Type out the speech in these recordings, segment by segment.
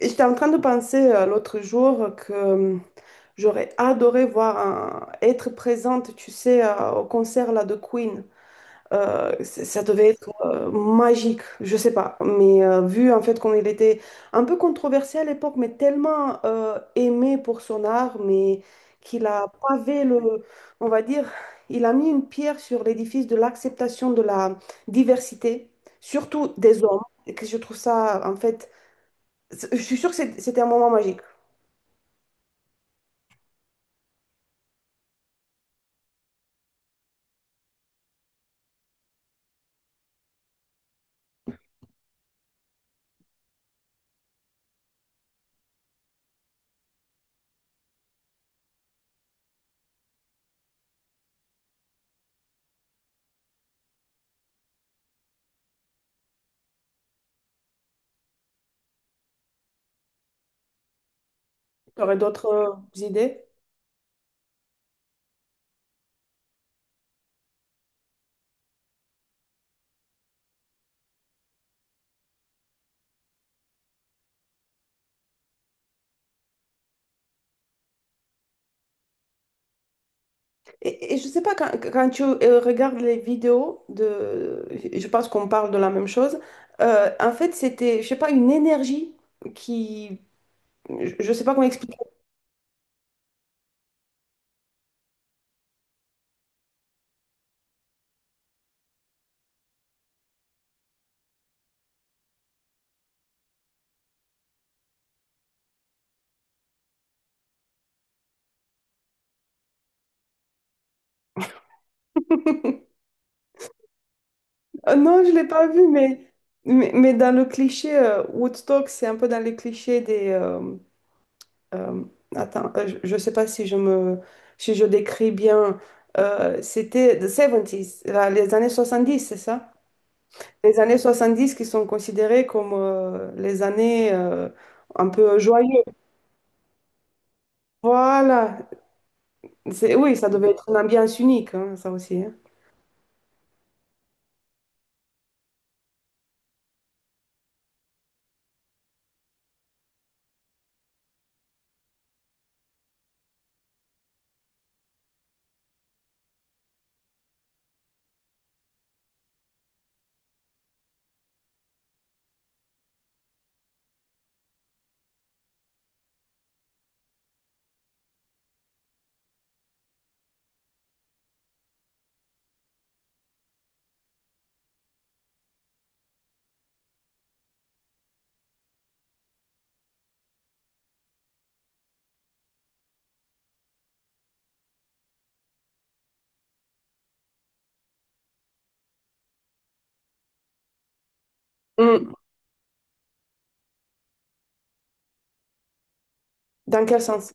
Et j'étais en train de penser l'autre jour que j'aurais adoré voir être présente, tu sais, au concert là, de Queen. Ça devait être magique, je sais pas. Mais vu en fait qu'on il était un peu controversé à l'époque, mais tellement aimé pour son art, mais qu'il a pavé le, on va dire, il a mis une pierre sur l'édifice de l'acceptation de la diversité, surtout des hommes. Et que je trouve ça en fait. Je suis sûre que c'était un moment magique. Tu aurais d'autres idées? Et je sais pas, quand tu regardes les vidéos de, je pense qu'on parle de la même chose. En fait, c'était, je sais pas, une énergie qui, je sais pas comment expliquer. Non, je l'ai pas vu, mais dans le cliché Woodstock, c'est un peu dans les clichés des. Euh, attends, je sais pas si je me, si je décris bien. C'était the 70s, les années 70, c'est ça? Les années 70 qui sont considérées comme les années un peu joyeuses. Voilà. C'est, oui, ça devait être une ambiance unique, hein, ça aussi, hein. Mm. Dans quel sens?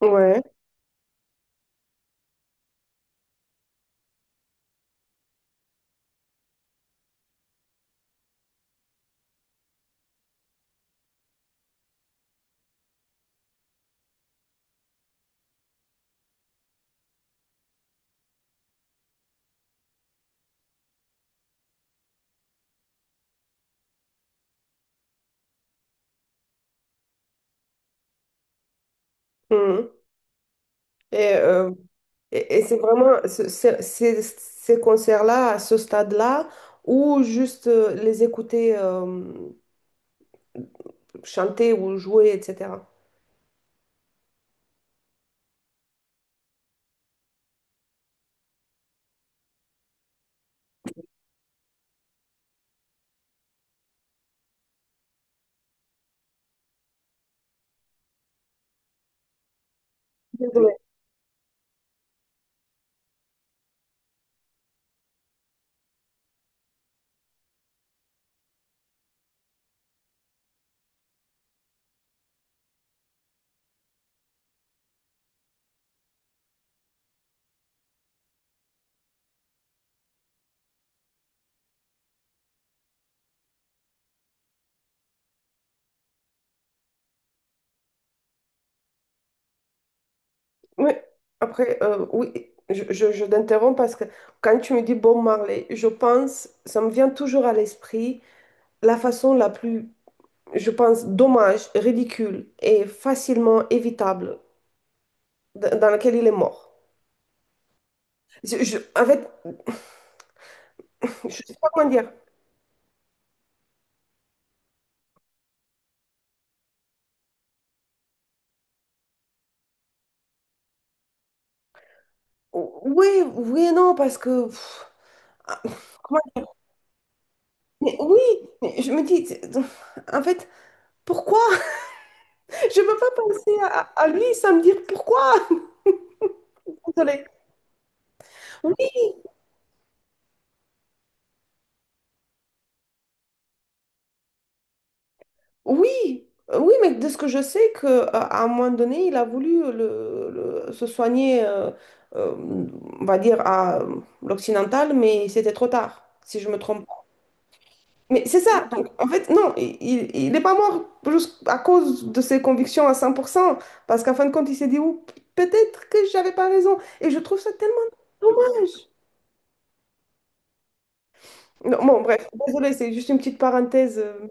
Ouais. Mm. Et, euh, et c'est vraiment ces concerts-là, à ce stade-là, ou juste les écouter chanter ou jouer, etc. Oui, après, oui, je t'interromps parce que quand tu me dis Bob Marley, je pense, ça me vient toujours à l'esprit la façon la plus, je pense, dommage, ridicule et facilement évitable dans laquelle il est mort. En fait, je sais pas comment dire. Oui, oui et non, parce que... ah, comment- mais oui, mais je me dis, en fait, pourquoi? Je ne peux pas penser à lui sans me dire pourquoi. Désolée. Oui, oui, mais de ce que je sais, que, à un moment donné, il a voulu se soigner, euh, on va dire, à l'occidental, mais c'était trop tard, si je me trompe pas. Mais c'est ça, donc en fait, non, il n'est pas mort juste à cause de ses convictions à 100% parce qu'en fin de compte, il s'est dit, ouh, peut-être que j'avais pas raison. Et je trouve ça tellement dommage. Non, bon, bref, désolé, c'est juste une petite parenthèse.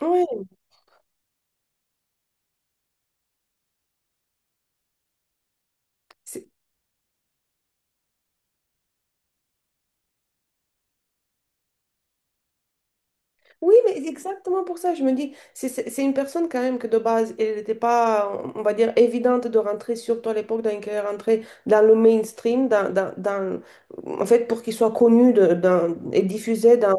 Ouais. Oui, mais c'est exactement pour ça, je me dis, c'est une personne quand même que de base, elle n'était pas, on va dire, évidente de rentrer, surtout à l'époque, dans laquelle elle rentrait dans le mainstream, en fait, pour qu'il soit connu et diffusé dans,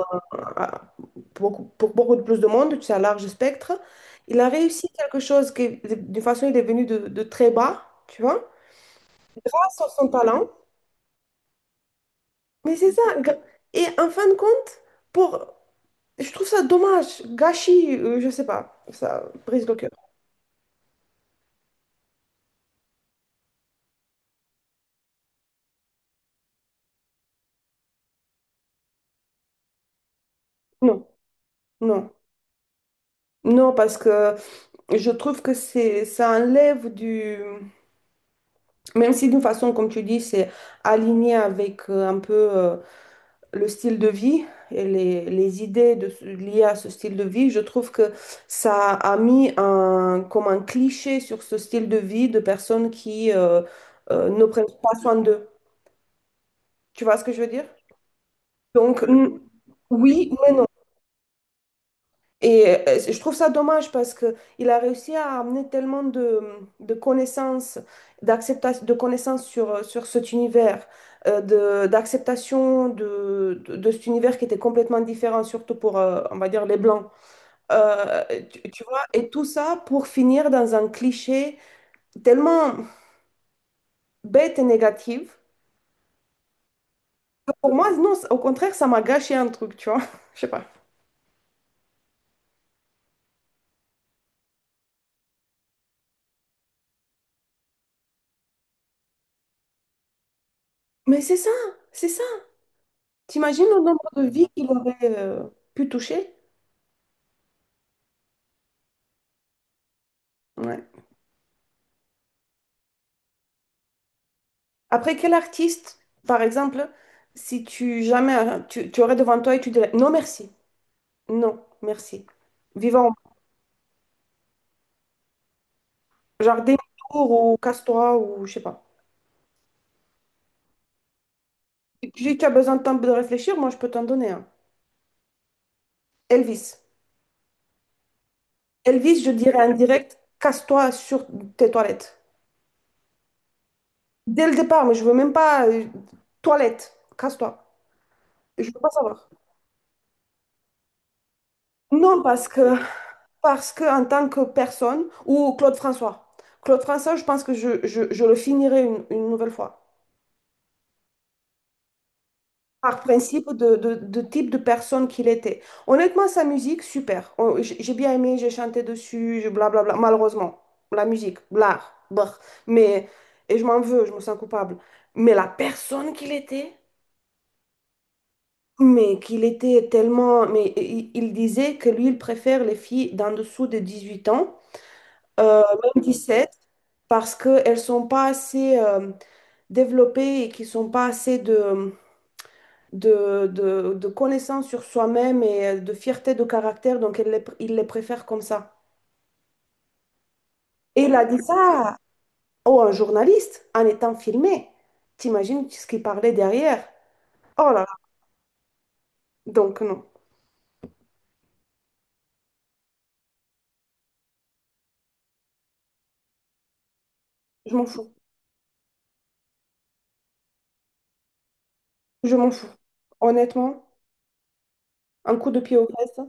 à- pour beaucoup de plus de monde, tu sais, à large spectre. Il a réussi quelque chose qui, d'une façon, il est venu de très bas, tu vois, grâce à son talent. Mais c'est ça, et en fin de compte, pour je trouve ça dommage, gâchis, je sais pas, ça brise le cœur. Non, non, non, parce que je trouve que c'est, ça enlève du, même si d'une façon, comme tu dis, c'est aligné avec un peu le style de vie et les idées liées à ce style de vie, je trouve que ça a mis un, comme un cliché sur ce style de vie de personnes qui ne prennent pas soin d'eux. Tu vois ce que je veux dire? Donc, oui, mais non. Et je trouve ça dommage parce que il a réussi à amener tellement de connaissances, d'acceptation, de connaissances sur cet univers, de, d'acceptation de cet univers qui était complètement différent, surtout pour, on va dire, les Blancs. Euh, tu vois, et tout ça pour finir dans un cliché tellement bête et négatif. Pour moi, non, au contraire, ça m'a gâché un truc, tu vois. Je sais pas. Mais c'est ça, c'est ça. T'imagines le nombre de vies qu'il aurait, pu toucher? Ouais. Après, quel artiste, par exemple, si tu jamais tu aurais devant toi et tu dirais non merci, non merci, vivant jardin tour ou casse-toi ou je sais pas. Si tu as besoin de temps de réfléchir, moi je peux t'en donner un. Elvis. Elvis, je dirais en direct, casse-toi sur tes toilettes. Dès le départ, mais je veux même pas toilette, casse-toi. Je veux pas savoir. Non, parce que en tant que personne ou Claude François. Claude François, je pense que je le finirai une nouvelle fois. Par principe de, de type de personne qu'il était. Honnêtement, sa musique, super. J'ai bien aimé, j'ai chanté dessus, blablabla. Malheureusement, la musique, l'art, brr. Mais, et je m'en veux, je me sens coupable. Mais la personne qu'il était, mais qu'il était tellement... Mais il disait que lui, il préfère les filles d'en dessous de 18 ans, euh, même sept parce qu'elles ne sont pas assez... développées et qui ne sont pas assez de connaissance sur soi-même et de fierté de caractère, donc il les préfère comme ça. Et il a dit ça oh, un journaliste en étant filmé. T'imagines ce qu'il parlait derrière? Oh là là, donc non, je m'en fous, je m'en fous. Honnêtement, un coup de pied aux fesses.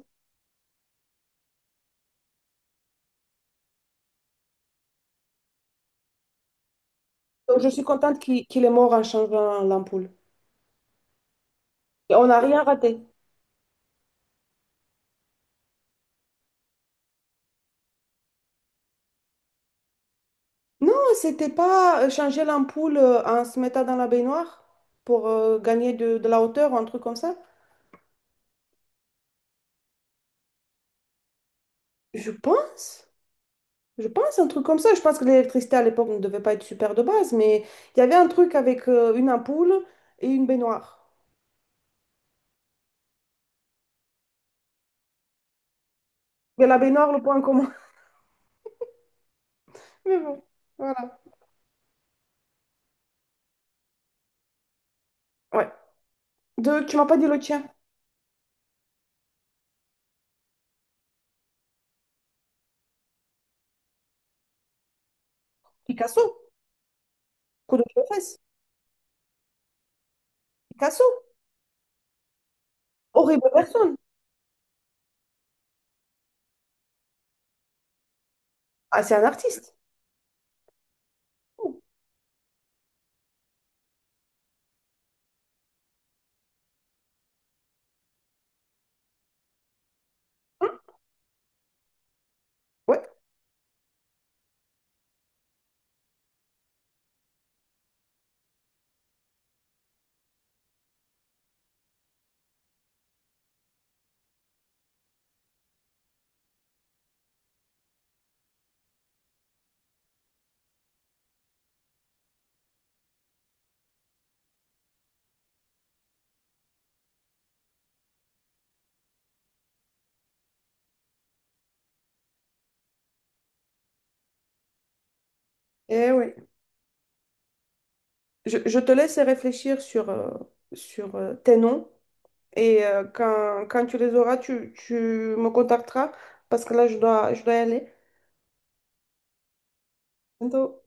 Donc, je suis contente qu'il est mort en changeant l'ampoule. Et on n'a rien raté. Non, c'était pas changer l'ampoule en se mettant dans la baignoire pour gagner de la hauteur ou un truc comme ça. Je pense. Je pense un truc comme ça. Je pense que l'électricité à l'époque ne devait pas être super de base, mais il y avait un truc avec une ampoule et une baignoire. Mais la baignoire, le point commun. Mais bon, voilà. Ouais. Tu m'as pas dit le tien. Picasso. Coup de pied fesses. Picasso. Horrible personne. Ah, c'est un artiste. Hein. Ouais. Eh oui. Je te laisse réfléchir sur tes noms et quand tu les auras, tu me contacteras parce que là, je dois y aller. Bientôt.